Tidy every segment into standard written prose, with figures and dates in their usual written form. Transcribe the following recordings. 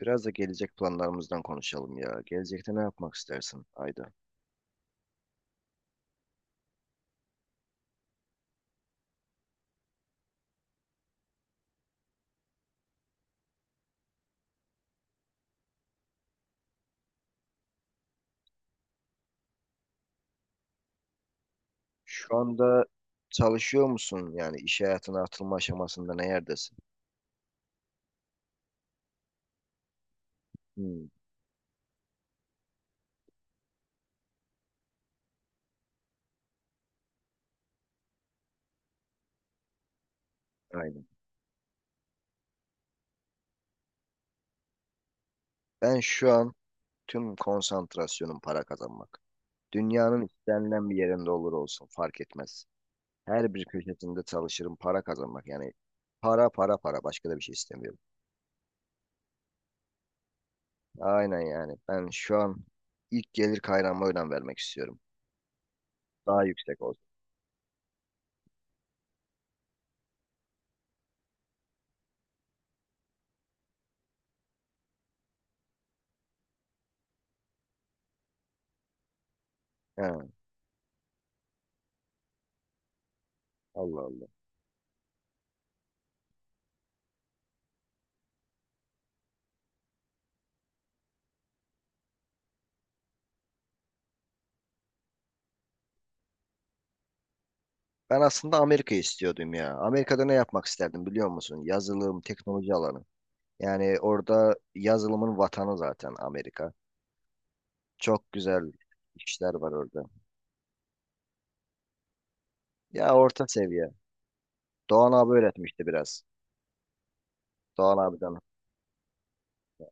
Biraz da gelecek planlarımızdan konuşalım ya. Gelecekte ne yapmak istersin Ayda? Şu anda çalışıyor musun? Yani iş hayatına atılma aşamasında ne yerdesin? Hmm, aynen. Ben şu an tüm konsantrasyonum para kazanmak. Dünyanın istenilen bir yerinde olur olsun fark etmez. Her bir köşesinde çalışırım para kazanmak. Yani para para para başka da bir şey istemiyorum. Aynen yani. Ben şu an ilk gelir kaynağıma önem vermek istiyorum. Daha yüksek olsun. He, Allah Allah. Ben aslında Amerika'yı istiyordum ya. Amerika'da ne yapmak isterdim biliyor musun? Yazılım, teknoloji alanı. Yani orada yazılımın vatanı zaten Amerika. Çok güzel işler var orada. Ya orta seviye. Doğan abi öğretmişti biraz. Doğan abiden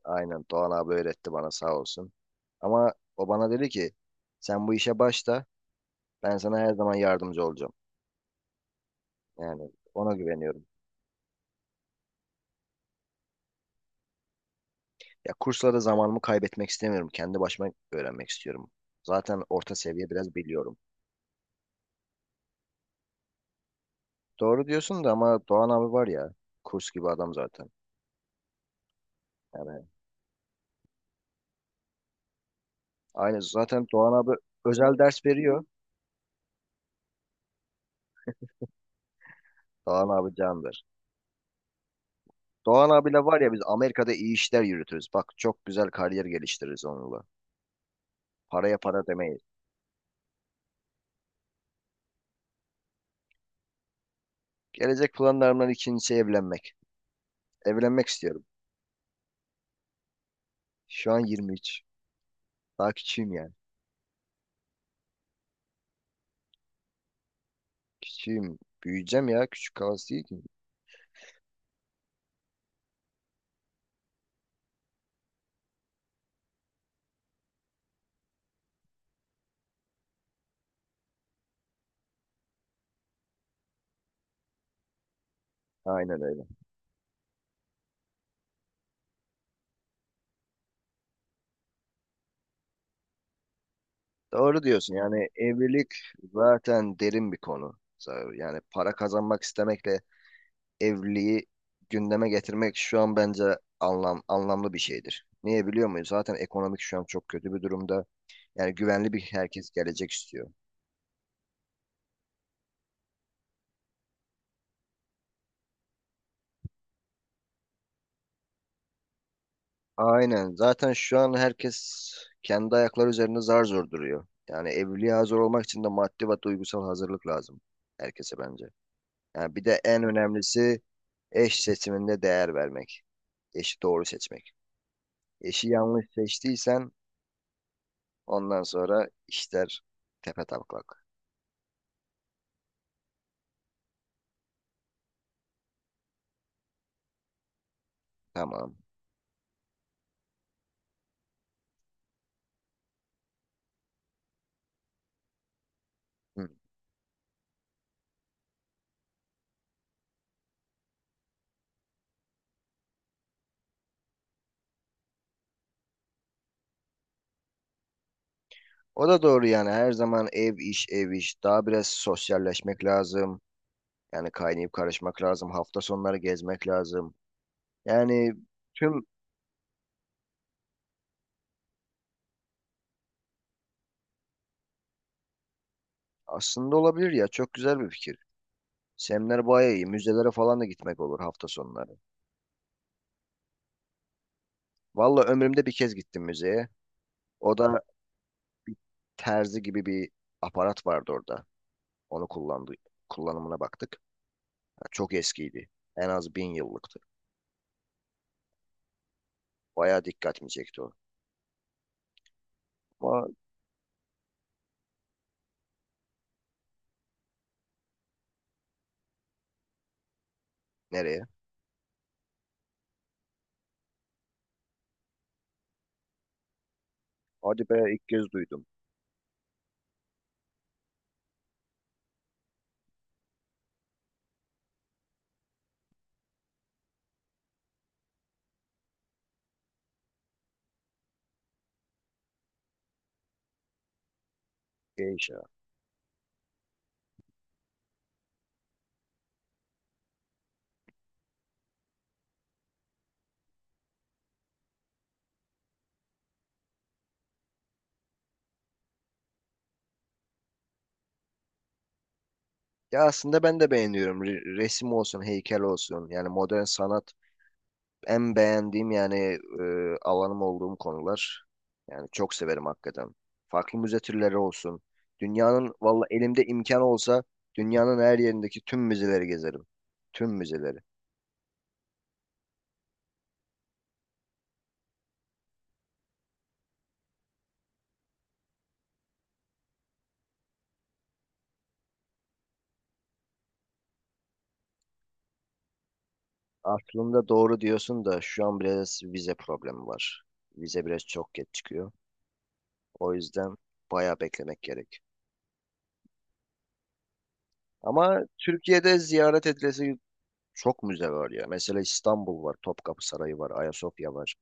aynen Doğan abi öğretti bana sağ olsun. Ama o bana dedi ki sen bu işe başla ben sana her zaman yardımcı olacağım. Yani ona güveniyorum. Ya kurslara zamanımı kaybetmek istemiyorum. Kendi başıma öğrenmek istiyorum. Zaten orta seviye biraz biliyorum. Doğru diyorsun da ama Doğan abi var ya kurs gibi adam zaten. Yani aynı zaten Doğan abi özel ders veriyor. Doğan abi candır. Doğan abiyle var ya biz Amerika'da iyi işler yürütürüz. Bak çok güzel kariyer geliştiririz onunla. Paraya para demeyiz. Gelecek planlarımdan ikincisi evlenmek. Evlenmek istiyorum. Şu an 23. Daha küçüğüm yani. Küçüğüm. Büyüyeceğim ya. Küçük kalası değil ki. Aynen öyle. Doğru diyorsun. Yani evlilik zaten derin bir konu. Yani para kazanmak istemekle evliliği gündeme getirmek şu an bence anlamlı bir şeydir. Niye biliyor muyuz? Zaten ekonomik şu an çok kötü bir durumda. Yani güvenli bir herkes gelecek istiyor. Aynen. Zaten şu an herkes kendi ayakları üzerinde zar zor duruyor. Yani evliliğe hazır olmak için de maddi ve duygusal hazırlık lazım herkese bence. Yani bir de en önemlisi eş seçiminde değer vermek. Eşi doğru seçmek. Eşi yanlış seçtiysen ondan sonra işler tepe taklak. Tamam. Hı. O da doğru yani her zaman ev iş ev iş daha biraz sosyalleşmek lazım. Yani kaynayıp karışmak lazım. Hafta sonları gezmek lazım. Yani tüm aslında olabilir ya çok güzel bir fikir. Semler bayağı iyi. Müzelere falan da gitmek olur hafta sonları. Valla ömrümde bir kez gittim müzeye. O da bir terzi gibi bir aparat vardı orada. Onu kullandı, kullanımına baktık. Ya çok eskiydi. En az 1000 yıllıktı. Bayağı dikkatimi çekti o. Ama nereye? Hadi be ilk kez duydum. İyi iş. Ya aslında ben de beğeniyorum. Resim olsun, heykel olsun. Yani modern sanat en beğendiğim yani e, alanım olduğum konular. Yani çok severim hakikaten. Farklı müze türleri olsun. Dünyanın valla elimde imkan olsa dünyanın her yerindeki tüm müzeleri gezerim. Tüm müzeleri. Aslında doğru diyorsun da şu an biraz vize problemi var. Vize biraz çok geç çıkıyor. O yüzden bayağı beklemek gerek. Ama Türkiye'de ziyaret edilesi çok müze var ya. Mesela İstanbul var, Topkapı Sarayı var, Ayasofya var.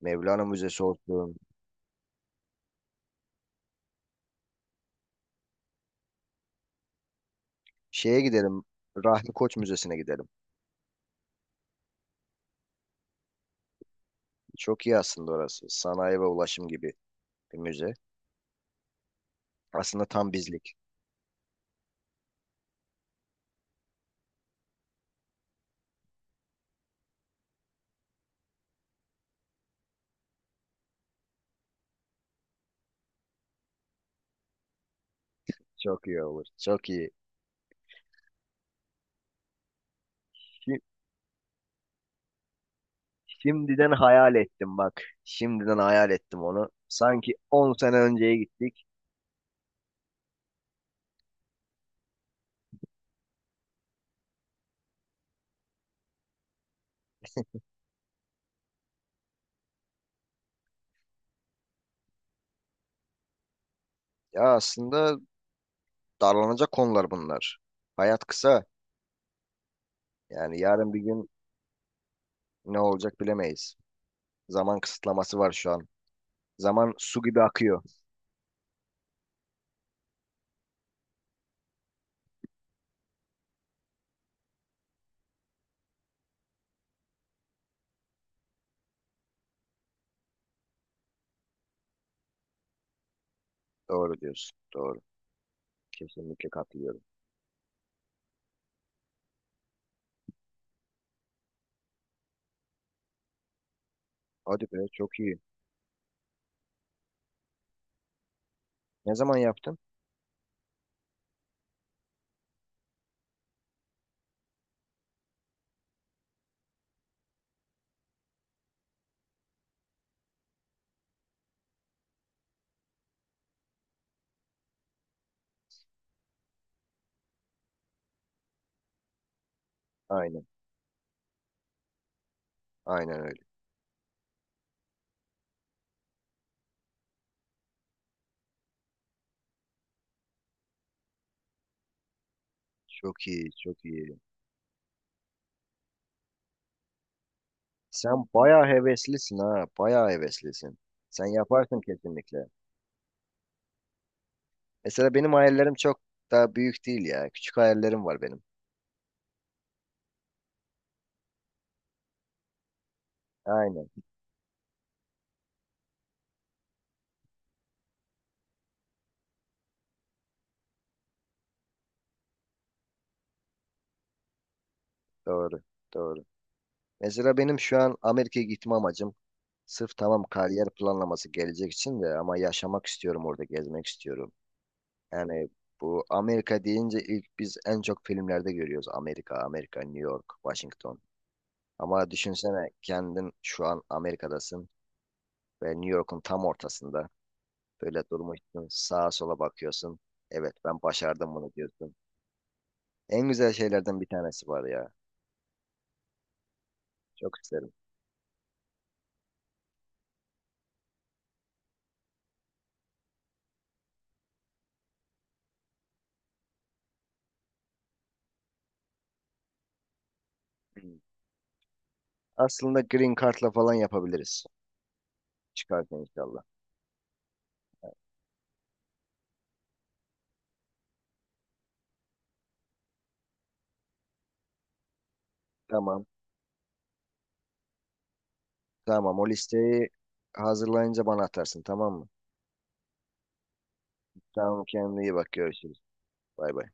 Mevlana Müzesi olsun. Şeye gidelim, Rahmi Koç Müzesi'ne gidelim. Çok iyi aslında orası. Sanayi ve ulaşım gibi bir müze. Aslında tam bizlik. Çok iyi olur. Çok iyi. Şi- Şimdiden hayal ettim bak. Şimdiden hayal ettim onu. Sanki 10 sene önceye gittik. Ya aslında darlanacak konular bunlar. Hayat kısa. Yani yarın bir gün ne olacak bilemeyiz. Zaman kısıtlaması var şu an. Zaman su gibi akıyor. Doğru diyorsun. Doğru. Kesinlikle katılıyorum. Hadi be çok iyi. Ne zaman yaptın? Aynen. Aynen öyle. Çok iyi. Çok iyi. Sen bayağı heveslisin ha. Bayağı heveslisin. Sen yaparsın kesinlikle. Mesela benim hayallerim çok daha büyük değil ya. Küçük hayallerim var benim. Aynen. Doğru. Doğru. Mesela benim şu an Amerika'ya gitme amacım sırf tamam kariyer planlaması gelecek için de ama yaşamak istiyorum orada gezmek istiyorum. Yani bu Amerika deyince ilk biz en çok filmlerde görüyoruz. Amerika, Amerika, New York, Washington. Ama düşünsene kendin şu an Amerika'dasın ve New York'un tam ortasında. Böyle durmuşsun, sağa sola bakıyorsun. Evet ben başardım bunu diyorsun. En güzel şeylerden bir tanesi var ya. Çok isterim. Hmm. Aslında Green Card'la falan yapabiliriz. Çıkarken inşallah. Tamam. Tamam o listeyi hazırlayınca bana atarsın tamam mı? Tamam kendine iyi bak görüşürüz. Bay bay.